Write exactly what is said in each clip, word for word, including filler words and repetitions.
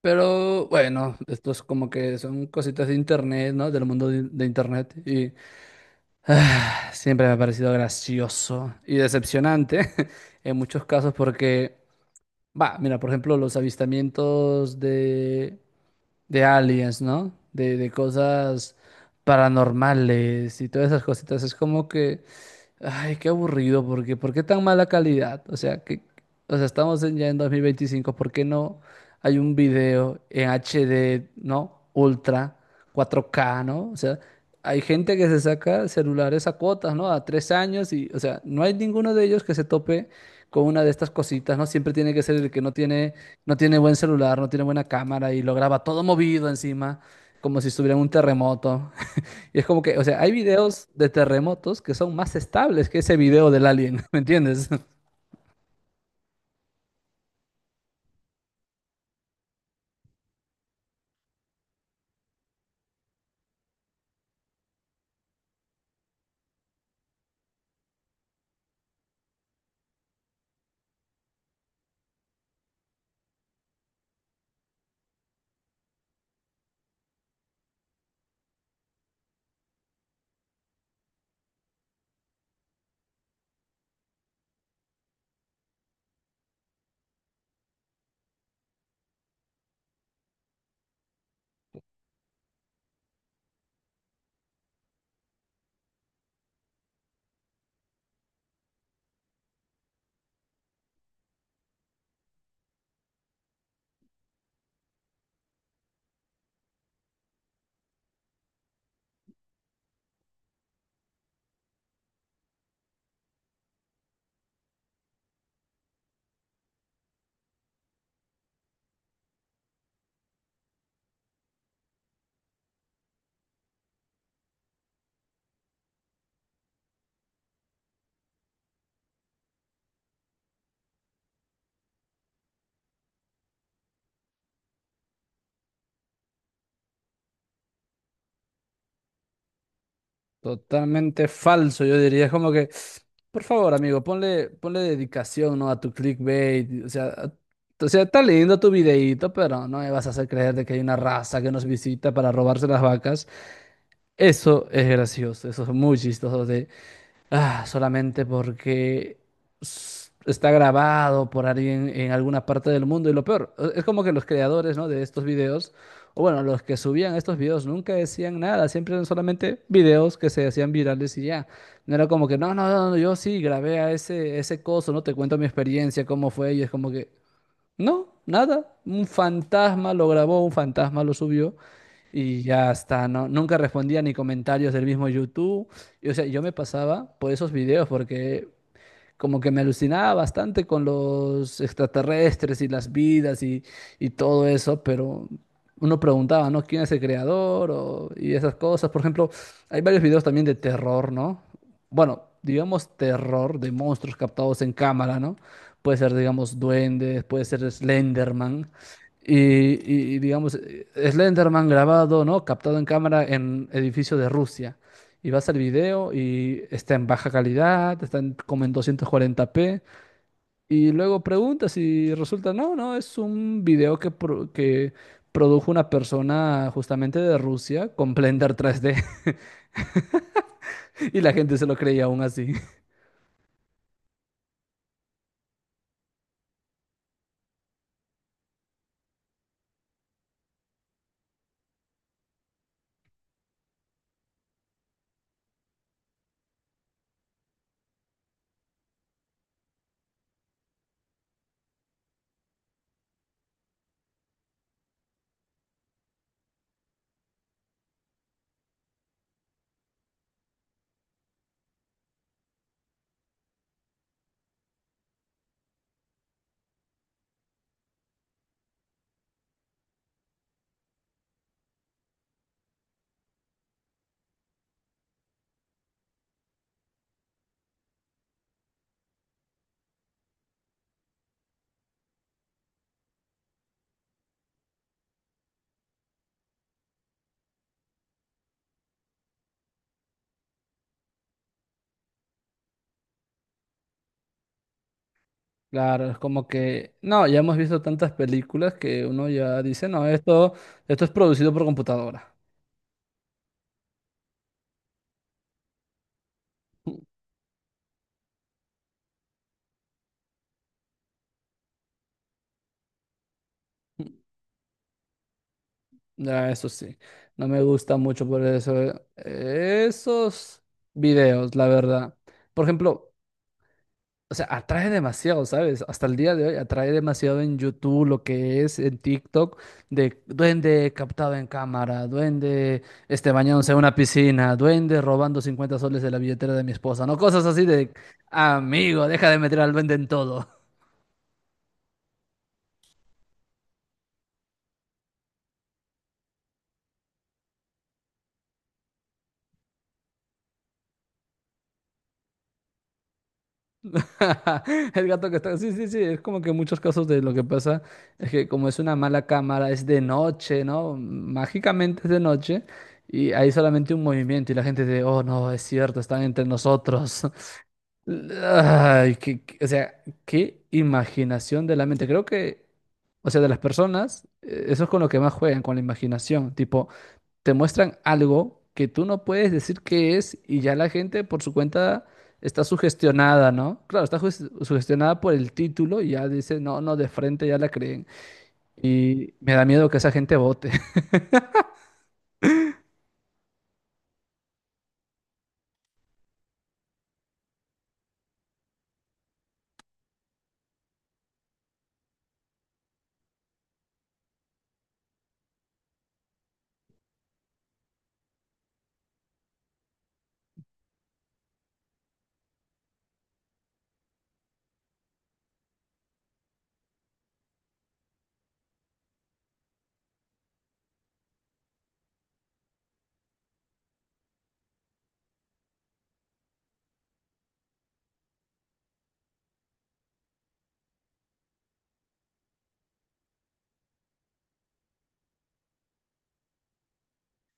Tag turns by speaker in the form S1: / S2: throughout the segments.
S1: Pero bueno, esto es como que son cositas de internet, ¿no? Del mundo de, de internet. Y ah, siempre me ha parecido gracioso y decepcionante en muchos casos porque, va, mira, por ejemplo, los avistamientos de, de aliens, ¿no? De, de cosas paranormales y todas esas cositas. Es como que, ay, qué aburrido, porque ¿por qué tan mala calidad? O sea, que, o sea, estamos en- ya en dos mil veinticinco, ¿por qué no hay un video en H D? ¿No? Ultra, cuatro K, ¿no? O sea, hay gente que se saca celulares a cuotas, ¿no? A tres años y, o sea, no hay ninguno de ellos que se tope con una de estas cositas, ¿no? Siempre tiene que ser el que no tiene, no tiene buen celular, no tiene buena cámara y lo graba todo movido encima, como si estuviera en un terremoto. Y es como que, o sea, hay videos de terremotos que son más estables que ese video del alien, ¿me entiendes? Totalmente falso, yo diría. Es como que, por favor, amigo, ponle, ponle dedicación, ¿no? A tu clickbait. O sea, a- o sea, está lindo tu videíto, pero no me vas a hacer creer de que hay una raza que nos visita para robarse las vacas. Eso es gracioso, eso es muy chistoso. O Ah, solamente porque s- está grabado por alguien en alguna parte del mundo. Y lo peor, e- es como que los creadores, ¿no? De estos videos, o bueno, los que subían estos videos nunca decían nada, siempre eran solamente videos que se hacían virales y ya. No era como que, no, no, no, no, yo sí grabé a ese, ese coso, ¿no? Te cuento mi experiencia, cómo fue, y es como que. No, nada. Un fantasma lo grabó, un fantasma lo subió y ya está. No, nunca respondía ni comentarios del mismo YouTube. Y, o sea, yo me pasaba por esos videos porque como que me alucinaba bastante con los extraterrestres y las vidas y, y todo eso, pero uno preguntaba, ¿no? ¿Quién es el creador? O- y esas cosas. Por ejemplo, hay varios videos también de terror, ¿no? Bueno, digamos, terror de monstruos captados en cámara, ¿no? Puede ser, digamos, duendes, puede ser Slenderman. Y, y- y, digamos, eh, Slenderman grabado, ¿no? Captado en cámara en edificio de Rusia. Y vas al video y está en baja calidad, está en- como en doscientos cuarenta p. Y luego preguntas y resulta, no, no, es un video que, pro- que produjo una persona justamente de Rusia con Blender tres D. Y la gente se lo creía aún así. Claro, es como que, no, ya hemos visto tantas películas que uno ya dice, no, esto, esto es producido por computadora. Ya, eso sí, no me gusta mucho por eso, eh, esos videos, la verdad. Por ejemplo, o sea, atrae demasiado, ¿sabes? Hasta el día de hoy atrae demasiado en YouTube lo que es en TikTok de duende captado en cámara, duende este bañándose en una piscina, duende robando cincuenta soles de la billetera de mi esposa, ¿no? Cosas así de, amigo, deja de meter al duende en todo. El gato que está... Sí, sí, sí, es como que muchos casos de lo que pasa es que como es una mala cámara, es de noche, ¿no? Mágicamente es de noche. Y hay solamente un movimiento y la gente de, oh no, es cierto, están entre nosotros. Ay, que, qué- o sea, qué imaginación de la mente. Creo que, o sea, de las personas, eh, eso es con lo que más juegan, con la imaginación. Tipo, te muestran algo que tú no puedes decir qué es y ya la gente por su cuenta está sugestionada, ¿no? Claro, está sus- sugestionada por el título y ya dice, no, no, de frente ya la creen. Y me da miedo que esa gente vote.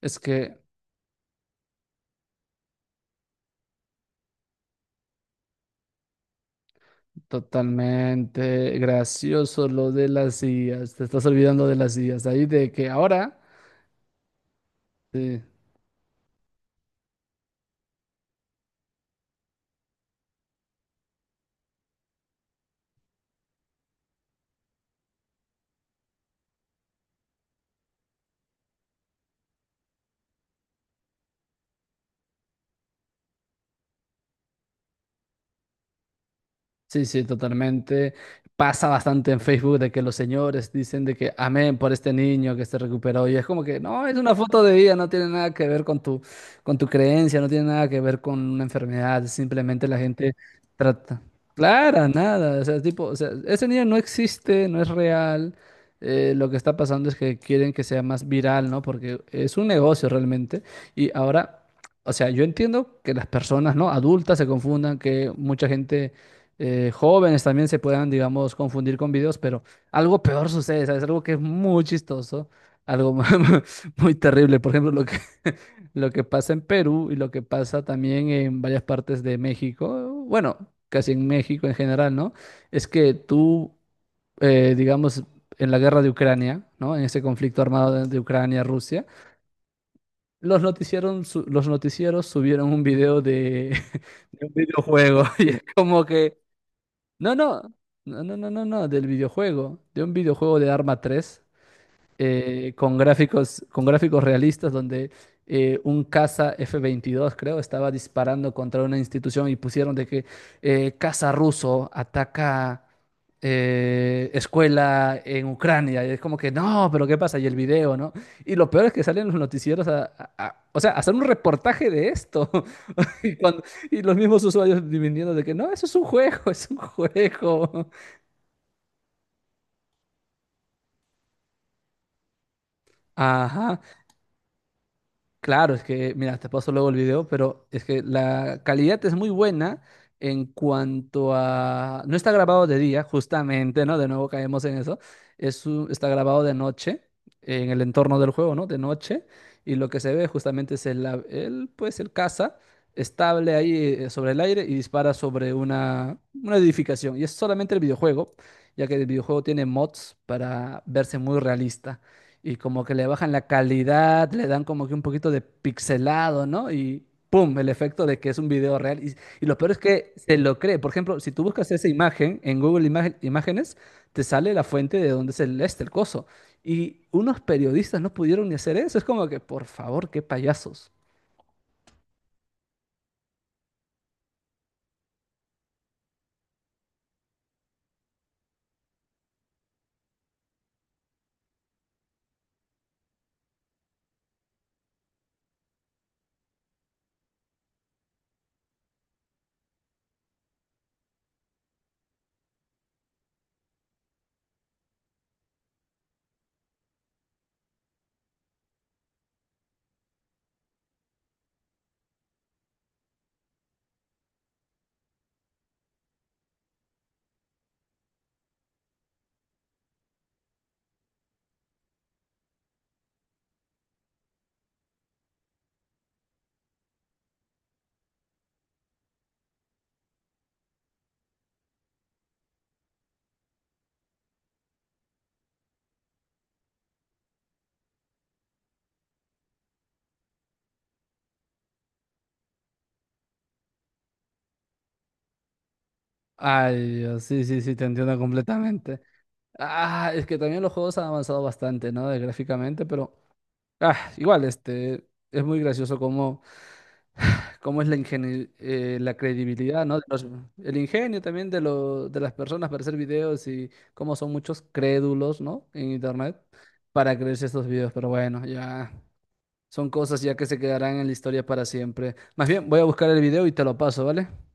S1: Es que totalmente gracioso lo de las sillas. Te estás olvidando de las sillas. Ahí de que ahora... sí, sí, sí, totalmente. Pasa bastante en Facebook de que los señores dicen de que amén por este niño que se recuperó. Y es como que no, es una foto de vida, no tiene nada que ver con tu, con tu creencia, no tiene nada que ver con una enfermedad. Simplemente la gente trata. Clara, nada. O sea, tipo, o sea, ese niño no existe, no es real. Eh, lo que está pasando es que quieren que sea más viral, ¿no? Porque es un negocio realmente. Y ahora, o sea, yo entiendo que las personas, ¿no? Adultas se confundan, que mucha gente eh, jóvenes también se puedan, digamos, confundir con videos, pero algo peor sucede, ¿sabes? Algo que es muy chistoso, algo mu- muy terrible. Por ejemplo, lo que, lo que pasa en Perú y lo que pasa también en varias partes de México, bueno, casi en México en general, ¿no? Es que tú, eh, digamos, en la guerra de Ucrania, ¿no? En ese conflicto armado de, de Ucrania-Rusia. Los noticieron, su- los noticieros subieron un video de, de un videojuego y es como que no, no, no, no, no, no, no, del videojuego, de un videojuego de Arma tres eh, con gráficos, con gráficos realistas donde eh, un caza f veintidós creo, estaba disparando contra una institución y pusieron de que eh, caza ruso ataca eh, escuela en Ucrania. Y es como que, no, pero ¿qué pasa? Y el video, ¿no? Y lo peor es que salen los noticieros a, a- a- o sea, a hacer un reportaje de esto. Y, cuando- y los mismos usuarios dividiendo de que no, eso es un juego, es un juego. Ajá. Claro, es que, mira, te paso luego el video, pero es que la calidad es muy buena en cuanto a... No está grabado de día, justamente, ¿no? De nuevo caemos en eso. Es un- Está grabado de noche, en el entorno del juego, ¿no? De noche. Y lo que se ve justamente es el, av- el, pues, el caza estable ahí eh, sobre el aire y dispara sobre una, una edificación. Y es solamente el videojuego, ya que el videojuego tiene mods para verse muy realista y como que le bajan la calidad, le dan como que un poquito de pixelado, ¿no? Y ¡pum! El efecto de que es un video real. Y, y lo peor es que se lo cree. Por ejemplo, si tú buscas esa imagen en Google Imagen- Imágenes, te sale la fuente de donde es el, este, el coso. Y unos periodistas no pudieron ni hacer eso. Es como que, por favor, qué payasos. Ay, Dios, sí, sí, sí, te entiendo completamente. Ah, es que también los juegos han avanzado bastante, ¿no? De gráficamente, pero ah, igual, este, es muy gracioso como cómo es la ingeni- eh, la credibilidad, ¿no? De los- el ingenio también de, lo- de las personas para hacer videos y cómo son muchos crédulos, ¿no? En internet para creerse estos videos, pero bueno, ya son cosas ya que se quedarán en la historia para siempre. Más bien, voy a buscar el video y te lo paso, ¿vale?